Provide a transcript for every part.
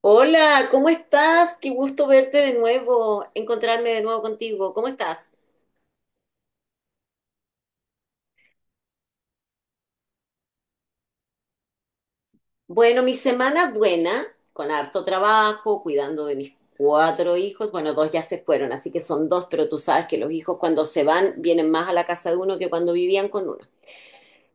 Hola, ¿cómo estás? Qué gusto verte de nuevo, encontrarme de nuevo contigo. ¿Cómo estás? Bueno, mi semana buena, con harto trabajo, cuidando de mis cuatro hijos. Bueno, dos ya se fueron, así que son dos, pero tú sabes que los hijos cuando se van vienen más a la casa de uno que cuando vivían con uno.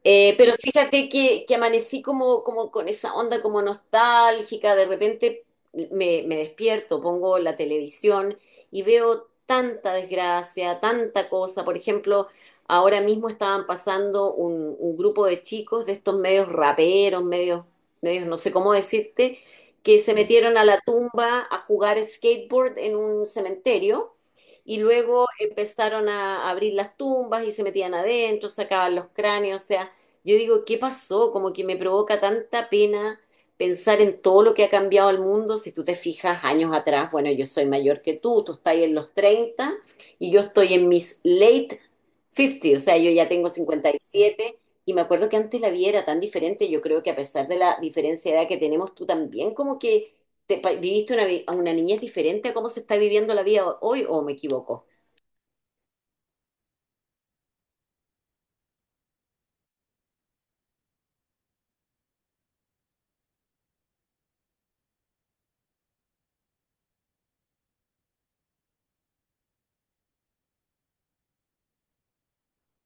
Pero fíjate que amanecí como, como con esa onda como nostálgica, de repente me despierto, pongo la televisión y veo tanta desgracia, tanta cosa. Por ejemplo, ahora mismo estaban pasando un grupo de chicos de estos medios raperos, medios no sé cómo decirte, que se metieron a la tumba a jugar skateboard en un cementerio. Y luego empezaron a abrir las tumbas y se metían adentro, sacaban los cráneos, o sea, yo digo, ¿qué pasó? Como que me provoca tanta pena pensar en todo lo que ha cambiado el mundo. Si tú te fijas años atrás, bueno, yo soy mayor que tú estás en los 30 y yo estoy en mis late 50, o sea, yo ya tengo 57 y siete y me acuerdo que antes la vida era tan diferente. Yo creo que a pesar de la diferencia de edad que tenemos, tú también como que viviste una niñez diferente a cómo se está viviendo la vida hoy, ¿o me equivoco?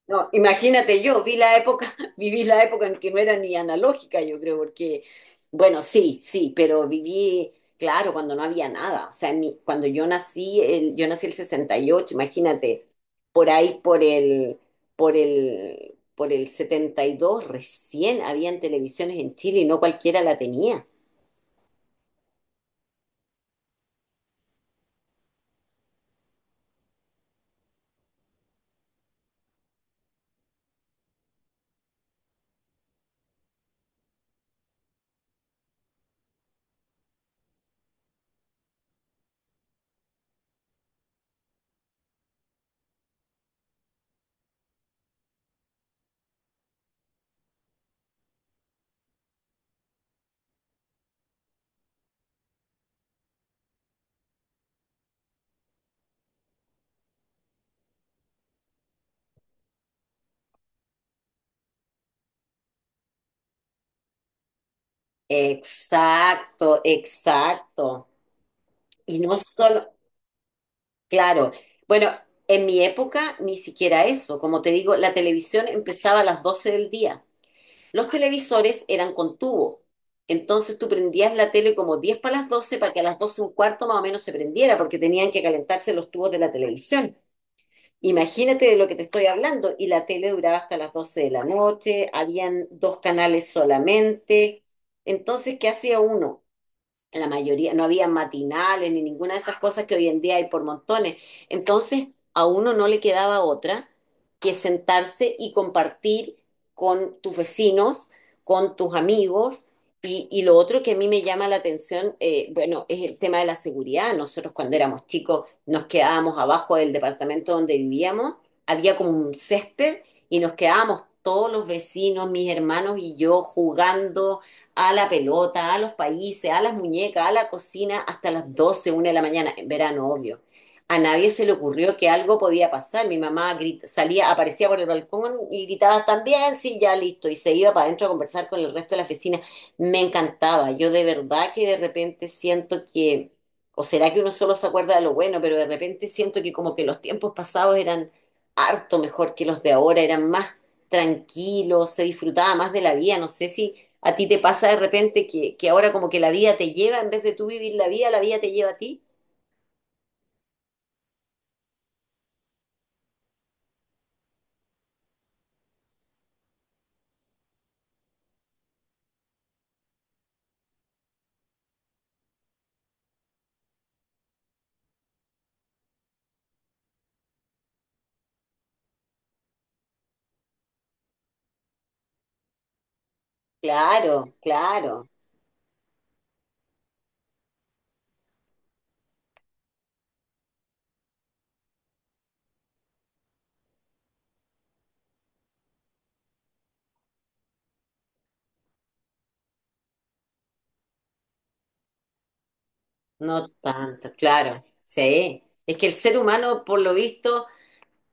No, imagínate yo, vi la época, viví la época en que no era ni analógica, yo creo, porque, bueno, sí, sí, pero viví, claro, cuando no había nada. O sea, cuando yo nací, yo nací el 68, imagínate, por ahí, por el 72 recién habían televisiones en Chile y no cualquiera la tenía. Exacto, exacto. Y no solo. Claro. Bueno, en mi época ni siquiera eso. Como te digo, la televisión empezaba a las 12 del día. Los televisores eran con tubo. Entonces tú prendías la tele como 10 para las 12 para que a las 12 un cuarto más o menos se prendiera porque tenían que calentarse los tubos de la televisión. Imagínate de lo que te estoy hablando. Y la tele duraba hasta las 12 de la noche, habían dos canales solamente. Entonces, ¿qué hacía uno? La mayoría, no había matinales ni ninguna de esas cosas que hoy en día hay por montones. Entonces, a uno no le quedaba otra que sentarse y compartir con tus vecinos, con tus amigos. Y lo otro que a mí me llama la atención, bueno, es el tema de la seguridad. Nosotros cuando éramos chicos nos quedábamos abajo del departamento donde vivíamos, había como un césped y nos quedábamos todos los vecinos, mis hermanos y yo jugando a la pelota, a los países, a las muñecas, a la cocina, hasta las doce, 1 de la mañana, en verano, obvio. A nadie se le ocurrió que algo podía pasar. Mi mamá salía, aparecía por el balcón y gritaba también, sí, ya listo, y se iba para adentro a conversar con el resto de la oficina. Me encantaba. Yo de verdad que de repente siento que, o será que uno solo se acuerda de lo bueno, pero de repente siento que como que los tiempos pasados eran harto mejor que los de ahora, eran más tranquilos, se disfrutaba más de la vida. No sé si. ¿A ti te pasa de repente que ahora como que la vida te lleva, en vez de tú vivir la vida te lleva a ti? Claro, claro, no tanto, claro, sí. Es que el ser humano, por lo visto,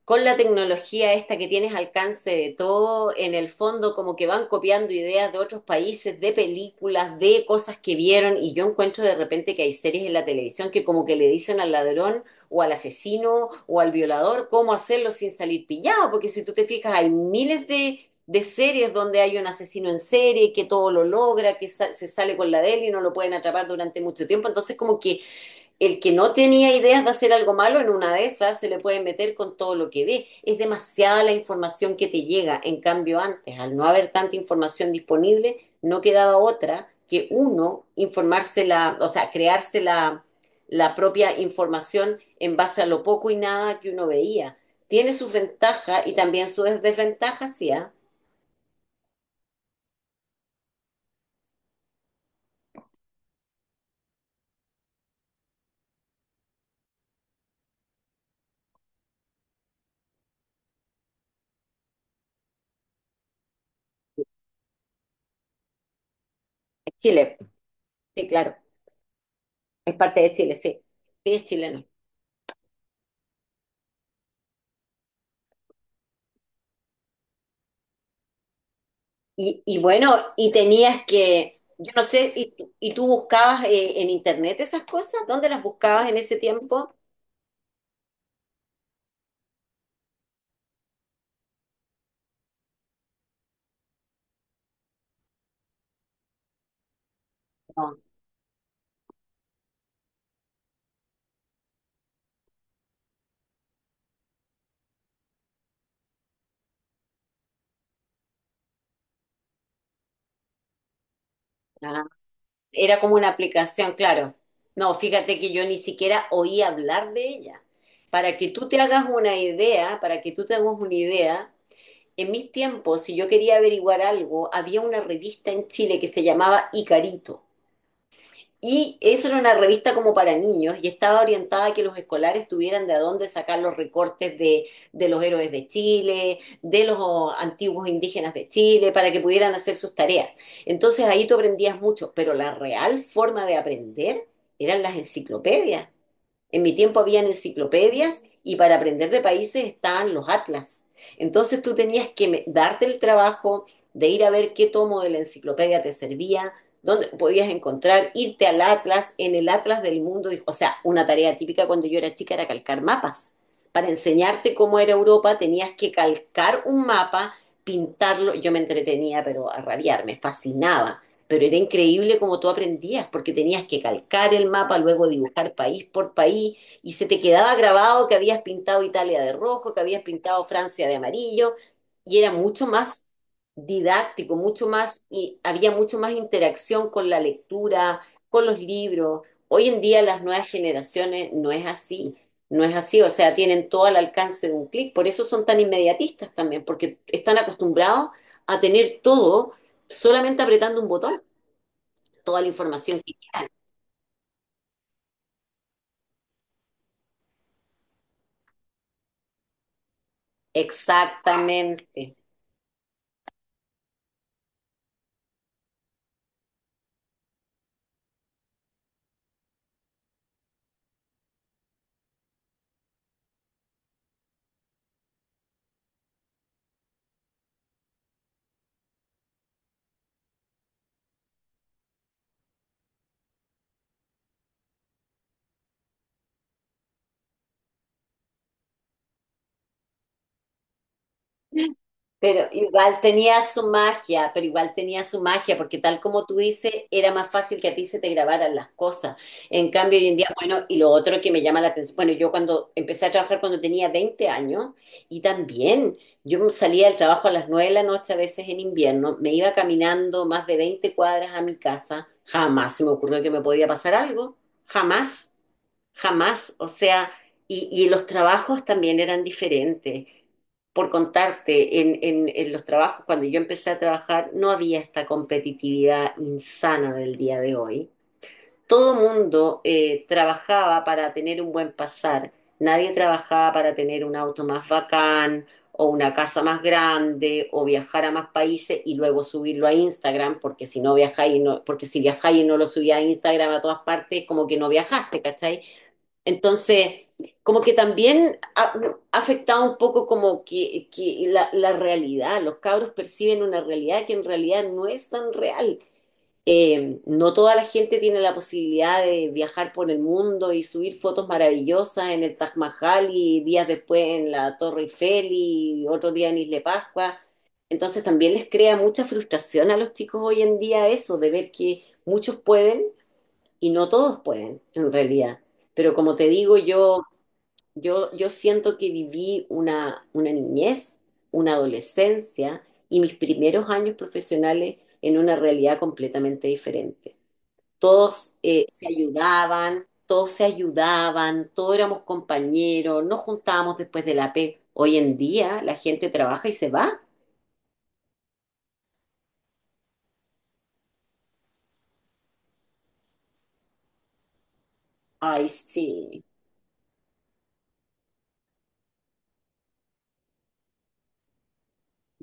con la tecnología esta que tienes alcance de todo, en el fondo como que van copiando ideas de otros países, de películas, de cosas que vieron, y yo encuentro de repente que hay series en la televisión que como que le dicen al ladrón o al asesino o al violador cómo hacerlo sin salir pillado, porque si tú te fijas hay miles de series donde hay un asesino en serie que todo lo logra, que se sale con la de él y no lo pueden atrapar durante mucho tiempo, entonces como que el que no tenía ideas de hacer algo malo, en una de esas se le puede meter con todo lo que ve. Es demasiada la información que te llega. En cambio, antes, al no haber tanta información disponible, no quedaba otra que uno informársela, o sea, crearse la propia información en base a lo poco y nada que uno veía. Tiene sus ventajas y también sus desventajas, sí, ¿ah? Es Chile, sí, claro. Es parte de Chile, sí. Sí, es chileno. Y bueno, y tenías que, yo no sé. ¿Y tú buscabas en internet esas cosas? ¿Dónde las buscabas en ese tiempo? No. Ah, era como una aplicación, claro. No, fíjate que yo ni siquiera oí hablar de ella. Para que tú te hagas una idea, para que tú te hagas una idea, en mis tiempos, si yo quería averiguar algo, había una revista en Chile que se llamaba Icarito. Y eso era una revista como para niños y estaba orientada a que los escolares tuvieran de a dónde sacar los recortes de los héroes de Chile, de los antiguos indígenas de Chile, para que pudieran hacer sus tareas. Entonces ahí tú aprendías mucho, pero la real forma de aprender eran las enciclopedias. En mi tiempo había enciclopedias y para aprender de países estaban los atlas. Entonces tú tenías que darte el trabajo de ir a ver qué tomo de la enciclopedia te servía, dónde podías encontrar, irte al atlas, en el atlas del mundo. O sea, una tarea típica cuando yo era chica era calcar mapas. Para enseñarte cómo era Europa tenías que calcar un mapa, pintarlo. Yo me entretenía, pero a rabiar, me fascinaba. Pero era increíble como tú aprendías, porque tenías que calcar el mapa, luego dibujar país por país, y se te quedaba grabado que habías pintado Italia de rojo, que habías pintado Francia de amarillo, y era mucho más didáctico, mucho más, y había mucho más interacción con la lectura, con los libros. Hoy en día las nuevas generaciones no es así, no es así, o sea, tienen todo al alcance de un clic, por eso son tan inmediatistas también, porque están acostumbrados a tener todo solamente apretando un botón toda la información que. Exactamente. Pero igual tenía su magia, pero igual tenía su magia, porque tal como tú dices, era más fácil que a ti se te grabaran las cosas. En cambio, hoy en día, bueno, y lo otro que me llama la atención, bueno, yo cuando empecé a trabajar cuando tenía 20 años, y también yo salía del trabajo a las 9 de la noche, a veces en invierno, me iba caminando más de 20 cuadras a mi casa, jamás se me ocurrió que me podía pasar algo, jamás. Jamás, o sea, y los trabajos también eran diferentes. Por contarte, en los trabajos, cuando yo empecé a trabajar, no había esta competitividad insana del día de hoy. Todo mundo trabajaba para tener un buen pasar. Nadie trabajaba para tener un auto más bacán o una casa más grande o viajar a más países y luego subirlo a Instagram, porque si no viajáis, y no, porque si viajáis y no lo subía a Instagram a todas partes, como que no viajaste, ¿cachai? Entonces, como que también ha afectado un poco como que la realidad, los cabros perciben una realidad que en realidad no es tan real. No toda la gente tiene la posibilidad de viajar por el mundo y subir fotos maravillosas en el Taj Mahal y días después en la Torre Eiffel y otro día en Isla Pascua. Entonces también les crea mucha frustración a los chicos hoy en día eso, de ver que muchos pueden y no todos pueden, en realidad. Pero como te digo, yo siento que viví una niñez, una adolescencia y mis primeros años profesionales en una realidad completamente diferente. Todos se ayudaban, todos se ayudaban, todos éramos compañeros, nos juntábamos después de la P. Hoy en día la gente trabaja y se va. Ay, sí.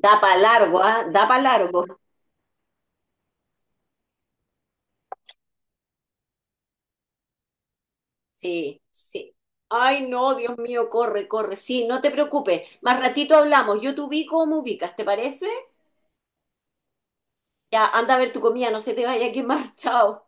Da para largo, ¿ah? Da para largo. Sí, sí. Ay, no, Dios mío, corre, corre. Sí, no te preocupes. Más ratito hablamos. Yo te ubico o me ubicas, ¿te parece? Ya, anda a ver tu comida, no se te vaya a quemar. Chao.